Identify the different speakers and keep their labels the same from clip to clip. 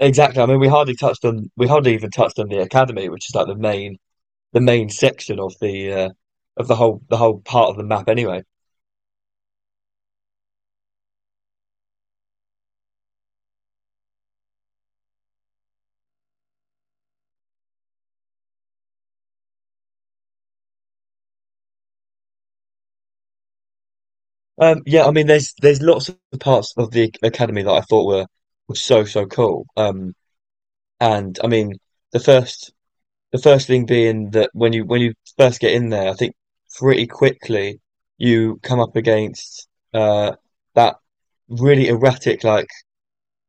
Speaker 1: Exactly. I mean, we hardly even touched on the academy, which is like the main section of the of the whole part of the map. Anyway, yeah. I mean, there's lots of parts of the academy that I thought were so cool. And I mean, the first the first thing being that when you first get in there, I think pretty quickly you come up against uh that really erratic, like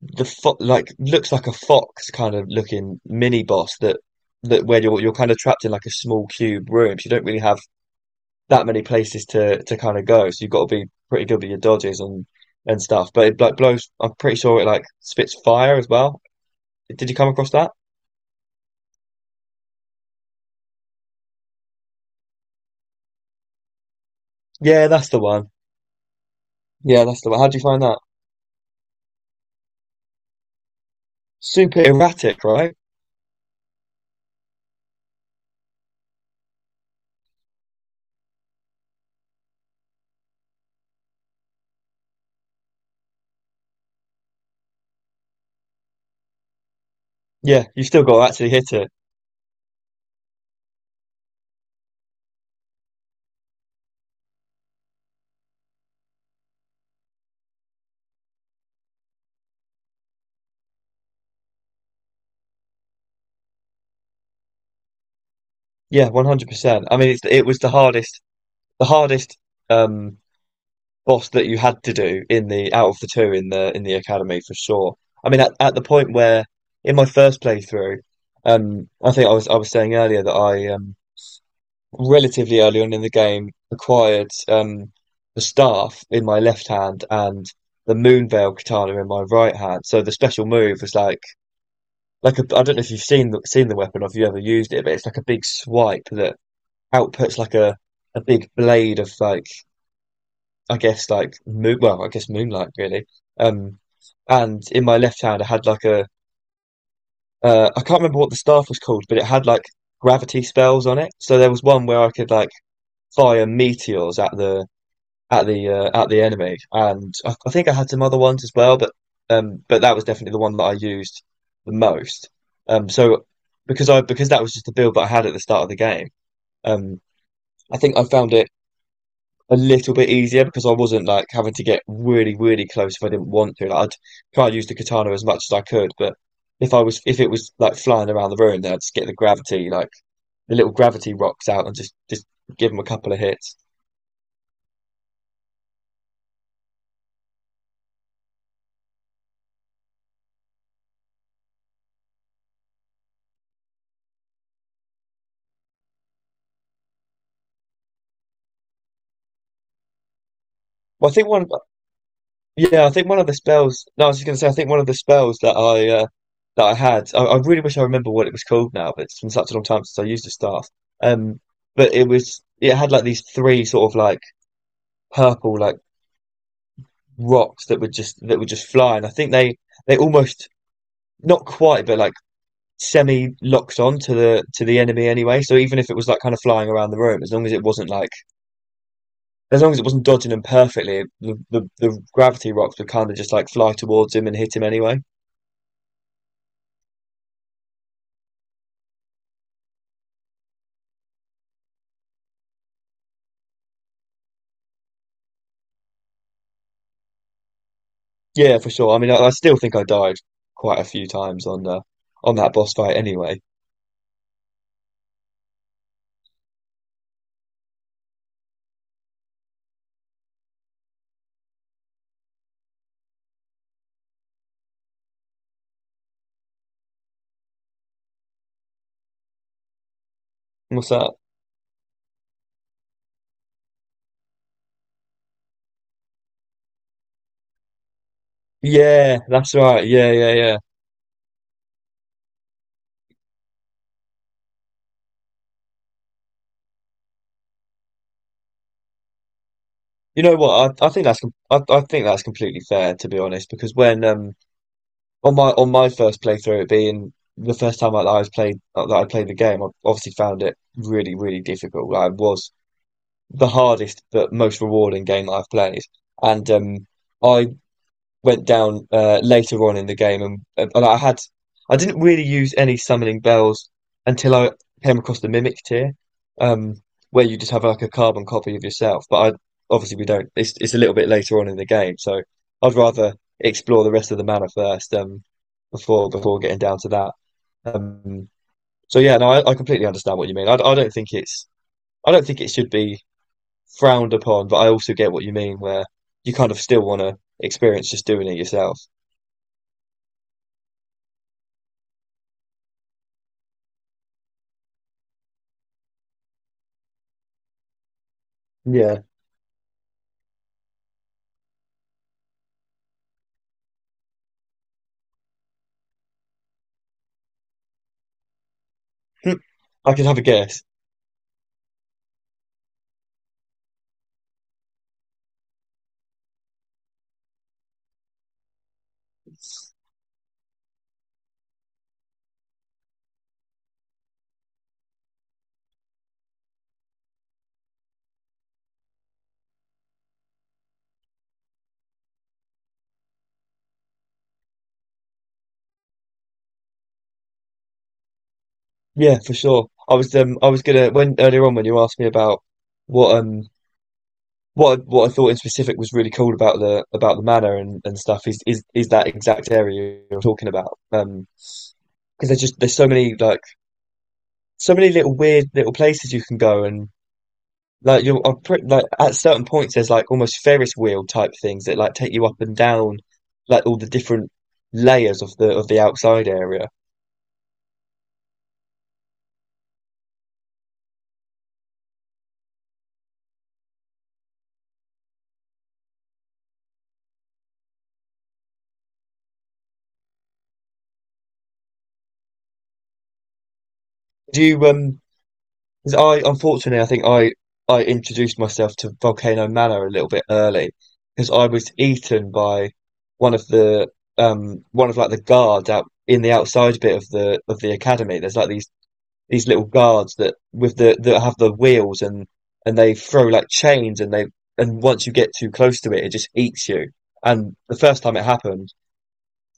Speaker 1: the fo like looks like a fox kind of looking mini boss that where you're kind of trapped in like a small cube room, so you don't really have that many places to kind of go. So you've got to be pretty good with your dodges and stuff. But it like blows. I'm pretty sure it like spits fire as well. Did you come across that? Yeah, that's the one. Yeah, that's the one. How do you find that? Super erratic, right? Yeah, you still got to actually hit it. Yeah, 100%. I mean, it was the hardest um boss that you had to do in the out of the two in the academy for sure. I mean, at the point where in my first playthrough, I think I was saying earlier that I, relatively early on in the game, acquired, the staff in my left hand and the Moonveil katana in my right hand. So the special move was like a, I don't know if you've seen the weapon or if you ever used it, but it's like a big swipe that outputs like a big blade of like, I guess like moon, well, I guess moonlight really. Um, and in my left hand, I had like a I can't remember what the staff was called, but it had like gravity spells on it. So there was one where I could like fire meteors at the at the at the enemy, and I think I had some other ones as well, but that was definitely the one that I used the most. So because that was just the build that I had at the start of the game, um, I think I found it a little bit easier because I wasn't like having to get really, really close if I didn't want to. Like, I'd try to use the katana as much as I could, but if it was like flying around the room, then I'd just get the gravity, like the little gravity rocks out and just give them a couple of hits. Well, yeah, I think one of the spells. No, I was just gonna say, I think one of the spells that I had, I really wish I remember what it was called now, but it's been such a long time since I used the staff. Um, but it had like these three sort of like purple, like, rocks that were just flying. I think they almost, not quite, but like semi locked on to the enemy anyway. So even if it was like kind of flying around the room, as long as it wasn't dodging them perfectly, the gravity rocks would kind of just like fly towards him and hit him anyway. Yeah, for sure. I mean, I still think I died quite a few times on that boss fight anyway. What's that? Yeah, that's right. Yeah, yeah, yeah. You know what? I think that's completely fair, to be honest. Because when on my first playthrough, it being the first time that I was played that I played the game, I obviously found it really, really difficult. Like, it was the hardest but most rewarding game that I've played, and I went down, later on in the game, and I had I didn't really use any summoning bells until I came across the mimic tier, um, where you just have like a carbon copy of yourself. But I, obviously, we don't. It's a little bit later on in the game, so I'd rather explore the rest of the mana first, before getting down to that. Um, so yeah, no, I completely understand what you mean. I don't think it's, I don't think it should be frowned upon, but I also get what you mean where you kind of still want to experience just doing it yourself. Yeah. Hmm, I could have a guess. Yeah, for sure. I was gonna, when earlier on when you asked me about what um what I thought in specific was really cool about the manor and stuff, is that exact area you're talking about. Because there's just there's so many like so many little weird little places you can go. And like you're I'm pretty, like, at certain points there's like almost Ferris wheel type things that like take you up and down like all the different layers of the outside area. Do you um? 'Cause I, unfortunately, I introduced myself to Volcano Manor a little bit early because I was eaten by one of the, one of like the guards out in the outside bit of the academy. There's like these little guards that, that have the wheels and they throw like chains, and they, and once you get too close to it, it just eats you. And the first time it happened,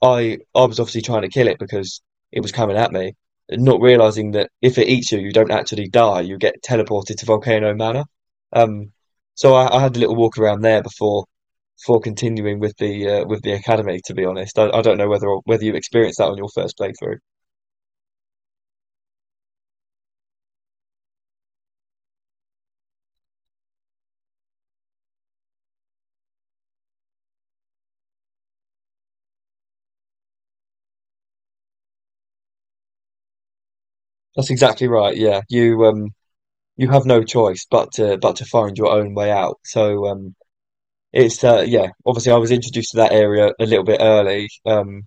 Speaker 1: I was obviously trying to kill it because it was coming at me, not realizing that if it eats you, you don't actually die. You get teleported to Volcano Manor. Um, so I had a little walk around there before, before continuing with the academy. To be honest, I don't know whether, whether you experienced that on your first playthrough. That's exactly right. Yeah, you have no choice but to, but to find your own way out. So. It's yeah, obviously I was introduced to that area a little bit early,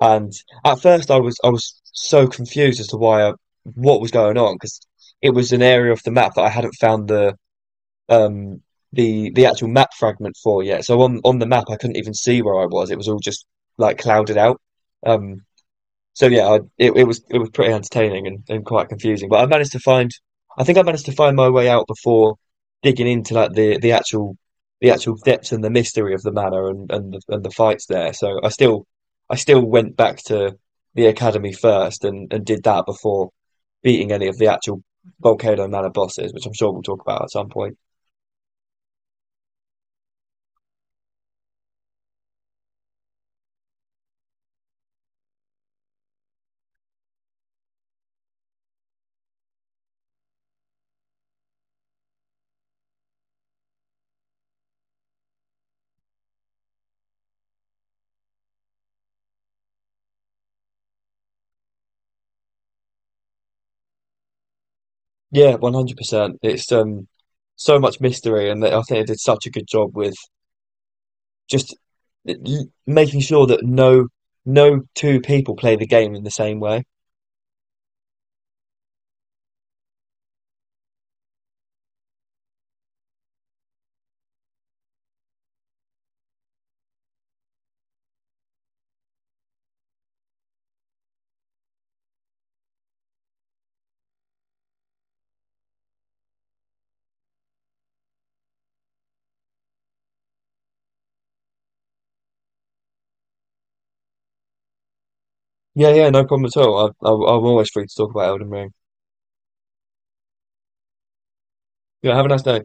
Speaker 1: and at first, I was so confused as to why what was going on, because it was an area of the map that I hadn't found um the actual map fragment for yet. So on the map, I couldn't even see where I was. It was all just like clouded out. Um, so yeah, it was, it was pretty entertaining and quite confusing. But I managed to find, I think I managed to find my way out before digging into like the actual, the actual depths and the mystery of the manor, and and the fights there. So I still, I still went back to the academy first, and did that before beating any of the actual Volcano Manor bosses, which I'm sure we'll talk about at some point. Yeah, 100%. It's so much mystery, and I think they did such a good job with just making sure that no, no two people play the game in the same way. Yeah, yeah, no problem at all. I'm always free to talk about Elden Ring. Yeah, have a nice day.